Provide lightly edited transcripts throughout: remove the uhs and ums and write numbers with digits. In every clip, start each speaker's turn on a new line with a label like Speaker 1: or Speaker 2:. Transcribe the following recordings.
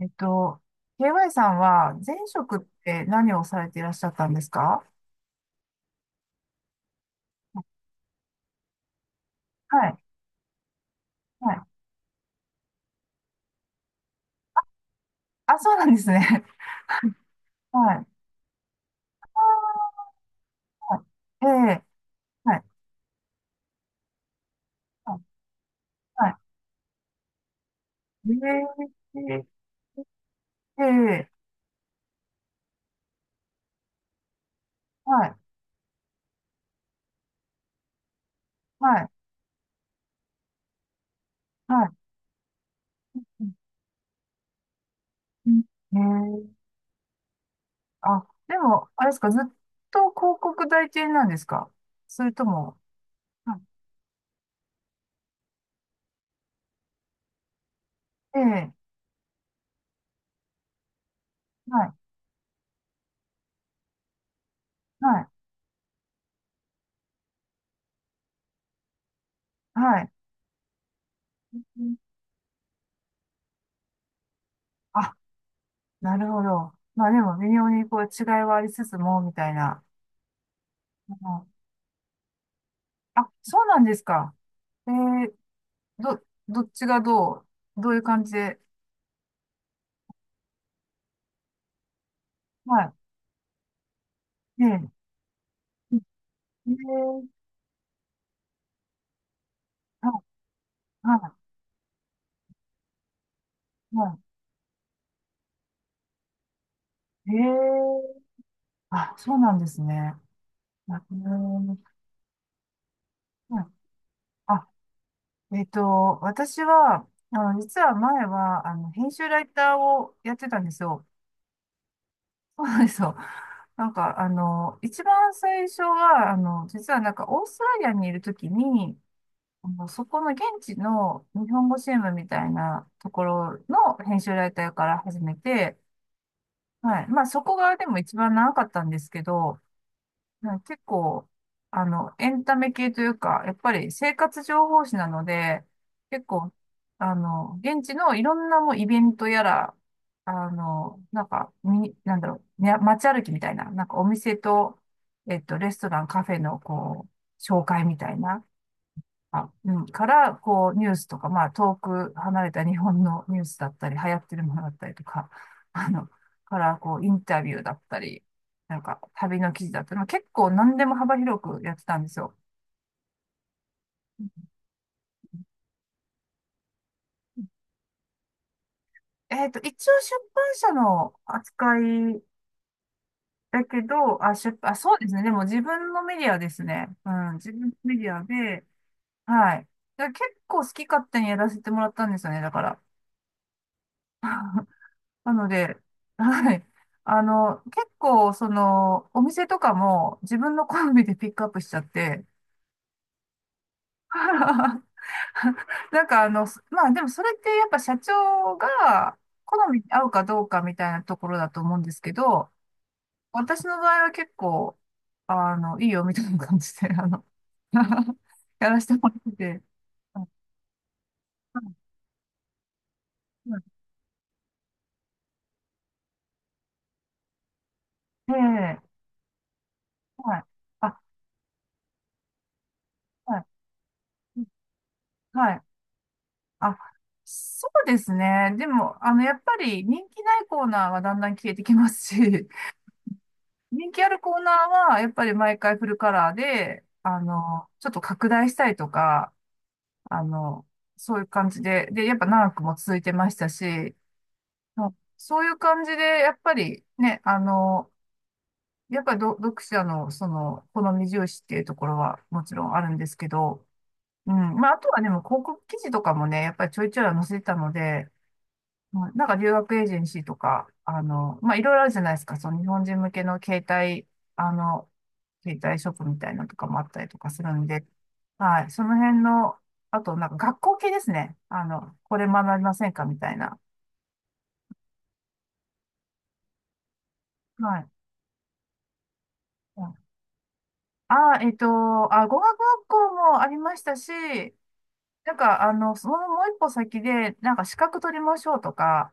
Speaker 1: えっと、KY さんは前職って何をされていらっしゃったんですか？はい。はい。あ、そうなんですね。はい。はい。ええ、はい。はい。はい。ええ、ええ、はい。はい。はい。うん。うん。ええ、あ、でも、あれですか、ずっと広告代理店なんですか？それとも、はい。ええ、はい。はい。はい。うん。あ、なるほど。まあでも、微妙にこう違いはありつつも、みたいな。あ、そうなんですか。えー、ど、どっちがどう、いう感じで。はい。ええ。ええ。はい。はい。はい。ええ。あ、そうなんですね。あ、うん。はい。あ。私は、実は前は、編集ライターをやってたんですよ。そうなんですよ。なんか、一番最初は、実はなんか、オーストラリアにいるときに、そこの現地の日本語新聞みたいなところの編集ライターから始めて、はい。まあそこがでも一番長かったんですけど、はい。結構、エンタメ系というか、やっぱり生活情報誌なので、結構、現地のいろんなもうイベントやら、なんか、なんだろう、ね、街歩きみたいな、なんかお店と、レストラン、カフェの、こう、紹介みたいな、あ、うん、から、こう、ニュースとか、まあ、遠く離れた日本のニュースだったり、流行ってるものだったりとか、あの、から、こう、インタビューだったり、なんか、旅の記事だったり、まあ結構何でも幅広くやってたんですよ。一応出版社の扱いだけど、あ、そうですね。でも自分のメディアですね。うん、自分のメディアで、はい。だから結構好き勝手にやらせてもらったんですよね、だから。なので、はい。結構、その、お店とかも自分の好みでピックアップしちゃって、なんかまあでもそれってやっぱ社長が好みに合うかどうかみたいなところだと思うんですけど、私の場合は結構、いいよみたいな感じで、やらせてもらってて。はい。はい。はい。ええ。はい。あ、はい。はい。あ、そうですね。でも、やっぱり人気ないコーナーはだんだん消えてきますし、人気あるコーナーは、やっぱり毎回フルカラーで、ちょっと拡大したりとか、あの、そういう感じで、で、やっぱ長くも続いてましたし、もうそういう感じで、やっぱりね、やっぱり読者の、その、好み重視っていうところはもちろんあるんですけど、うん。まあ、あとはでも広告記事とかもね、やっぱりちょいちょいは載せてたので、はい。なんか留学エージェンシーとか、まあ、いろいろあるじゃないですか。その日本人向けのあの、携帯ショップみたいなのとかもあったりとかするんで、はい。その辺の、あと、なんか学校系ですね。これ学びませんかみたいな。はい。あ、あ、語学学校もありましたし、なんか、そのもう一歩先で、なんか資格取りましょうとか、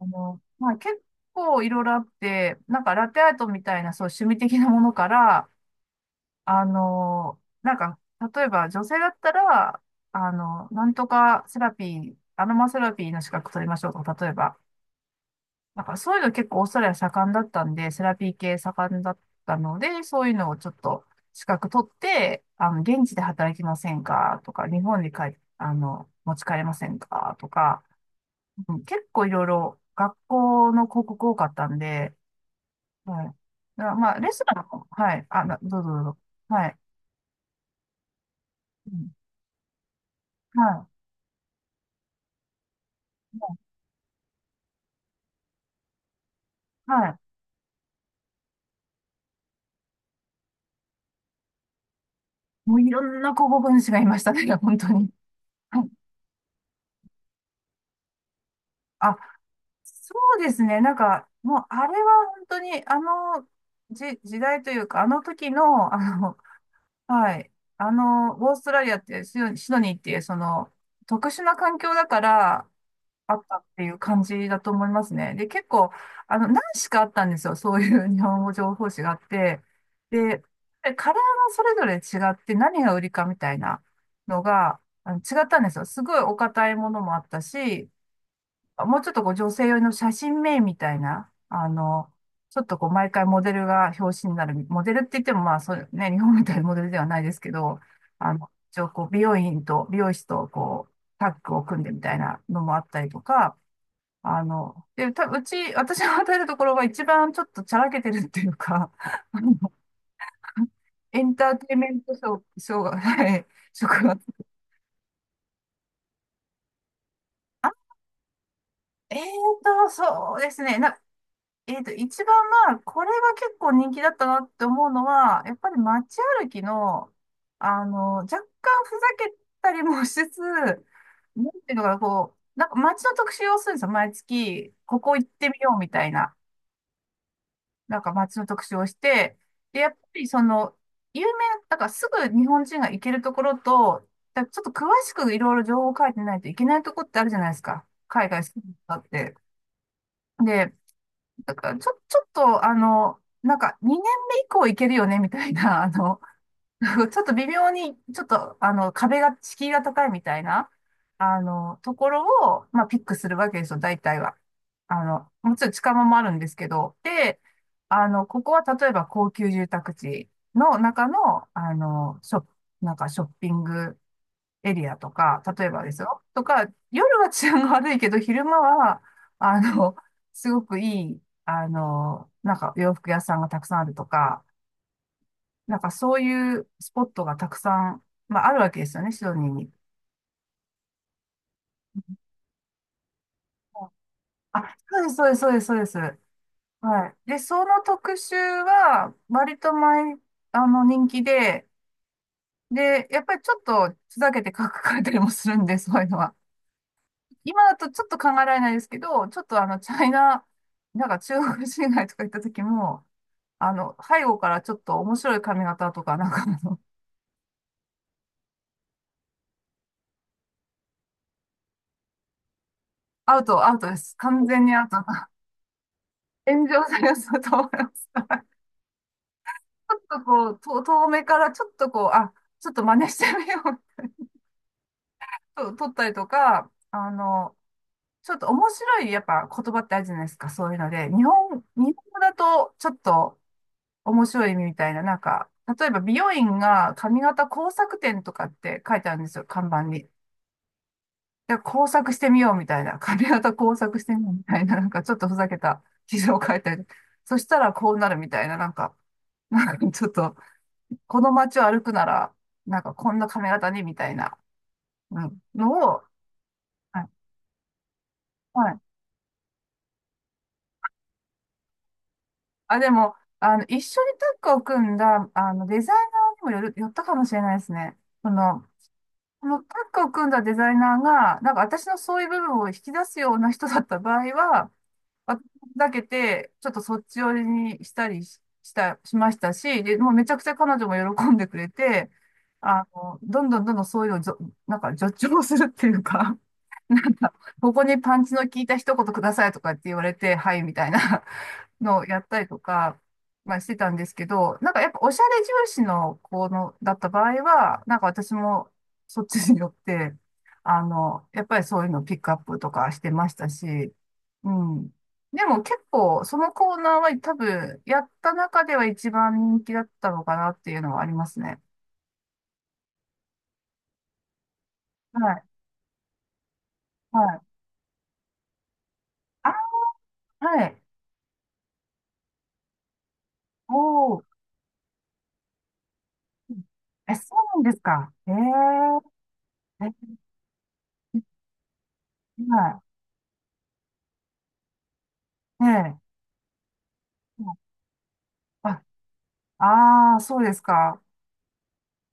Speaker 1: まあ、結構いろいろあって、なんかラテアートみたいな、そう、趣味的なものから、なんか、例えば女性だったら、なんとかセラピー、アロマセラピーの資格取りましょうとか、例えば、なんかそういうの結構オーストラリア盛んだったんで、セラピー系盛んだったので、そういうのをちょっと資格取って、現地で働きませんかとか、日本に帰、あの、持ち帰れませんかとか、うん。結構いろいろ学校の広告多かったんで、はい。まあ、レストランも、はい。あ、どうぞどうぞ。はい。うん。はい。はい。もういろんな候補分子がいましたね、本当に。はい。あ、そうですね。なんか、もうあれは本当に、時代というか、あの時の、はい。オーストラリアってシドニーっていう、その、特殊な環境だから、あったっていう感じだと思いますね。で、結構、何しかあったんですよ。そういう 日本語情報誌があって。で、で、カラーがそれぞれ違って何が売りかみたいなのが、違ったんですよ。すごいお堅いものもあったし、もうちょっとこう女性用の写真名みたいな、ちょっとこう毎回モデルが表紙になる、モデルって言ってもまあそうね、日本みたいなモデルではないですけど、一応こう美容院と美容師とこうタッグを組んでみたいなのもあったりとか、で、うち、私が与えるところが一番ちょっとちゃらけてるっていうか、あのエンターテインメントショー、ショーが、はい、職が、あ、えーそうですね。一番まあ、これが結構人気だったなって思うのは、やっぱり街歩きの、若干ふざけたりもしつつ、なんていうのかな、こう、なんか街の特集をするんですよ。毎月、ここ行ってみようみたいな。なんか街の特集をして、で、やっぱりその、有名な、だからすぐ日本人が行けるところと、ちょっと詳しくいろいろ情報を書いてないといけないところってあるじゃないですか。海外好きだって。で、だからちょっと、なんか2年目以降行けるよね、みたいな、ちょっと微妙に、ちょっと、敷居が高いみたいな、ところを、まあ、ピックするわけですよ、大体は。もちろん近場もあるんですけど、で、ここは例えば高級住宅地の中の、ショップ、なんかショッピングエリアとか、例えばですよ、とか、夜は治安が悪いけど、昼間は、あの、すごくいい、なんか洋服屋さんがたくさんあるとか、なんかそういうスポットがたくさん、まあ、あるわけですよね、シドニーに。あ、そうです、そうです、そうです、そうです。はい。で、その特集は、割と前、あの、人気で、やっぱりちょっとふざけて書かれたりもするんで、そういうのは。今だとちょっと考えられないですけど、ちょっとチャイナ、なんか中国人街とか行った時も、背後からちょっと面白い髪型とか、なんかアウトです。完全にアウト。炎上されそうと思う。ょっとこう、と遠目からちょっとこう、あ、ちょっと真似してみようと、撮ったりとか、ちょっと面白いやっぱ言葉ってあるじゃないですか、そういうので。日本語だとちょっと面白い意味みたいな、なんか、例えば美容院が髪型工作店とかって書いてあるんですよ、看板に。で、工作してみようみたいな、髪型工作してみようみたいな、なんかちょっとふざけた記事を書いてある。そしたらこうなるみたいな、なんか、ちょっと、この街を歩くなら、なんかこんな髪型にみたいな、うん、のを、はい。はい。あ、でも、一緒にタッグを組んだ、デザイナーにもよったかもしれないですね。その、このタッグを組んだデザイナーが、なんか私のそういう部分を引き出すような人だった場合は、私だけて、ちょっとそっち寄りにしたりしましたし、で、もうめちゃくちゃ彼女も喜んでくれて、どんどんどんどんそういうのをなんか助長するっていうか なんか、ここにパンチの効いた一言くださいとかって言われて、はいみたいな のをやったりとか、まあしてたんですけど、なんかやっぱおしゃれ重視の子のだった場合は、なんか私もそっちによって、やっぱりそういうのをピックアップとかしてましたし、うん。でも結構そのコーナーは多分やった中では一番人気だったのかなっていうのはありますね。はい。はい。あ、はい。おー。うん。え、そうなんですか。えええ、はい。ええ。あ、ああ、そうですか。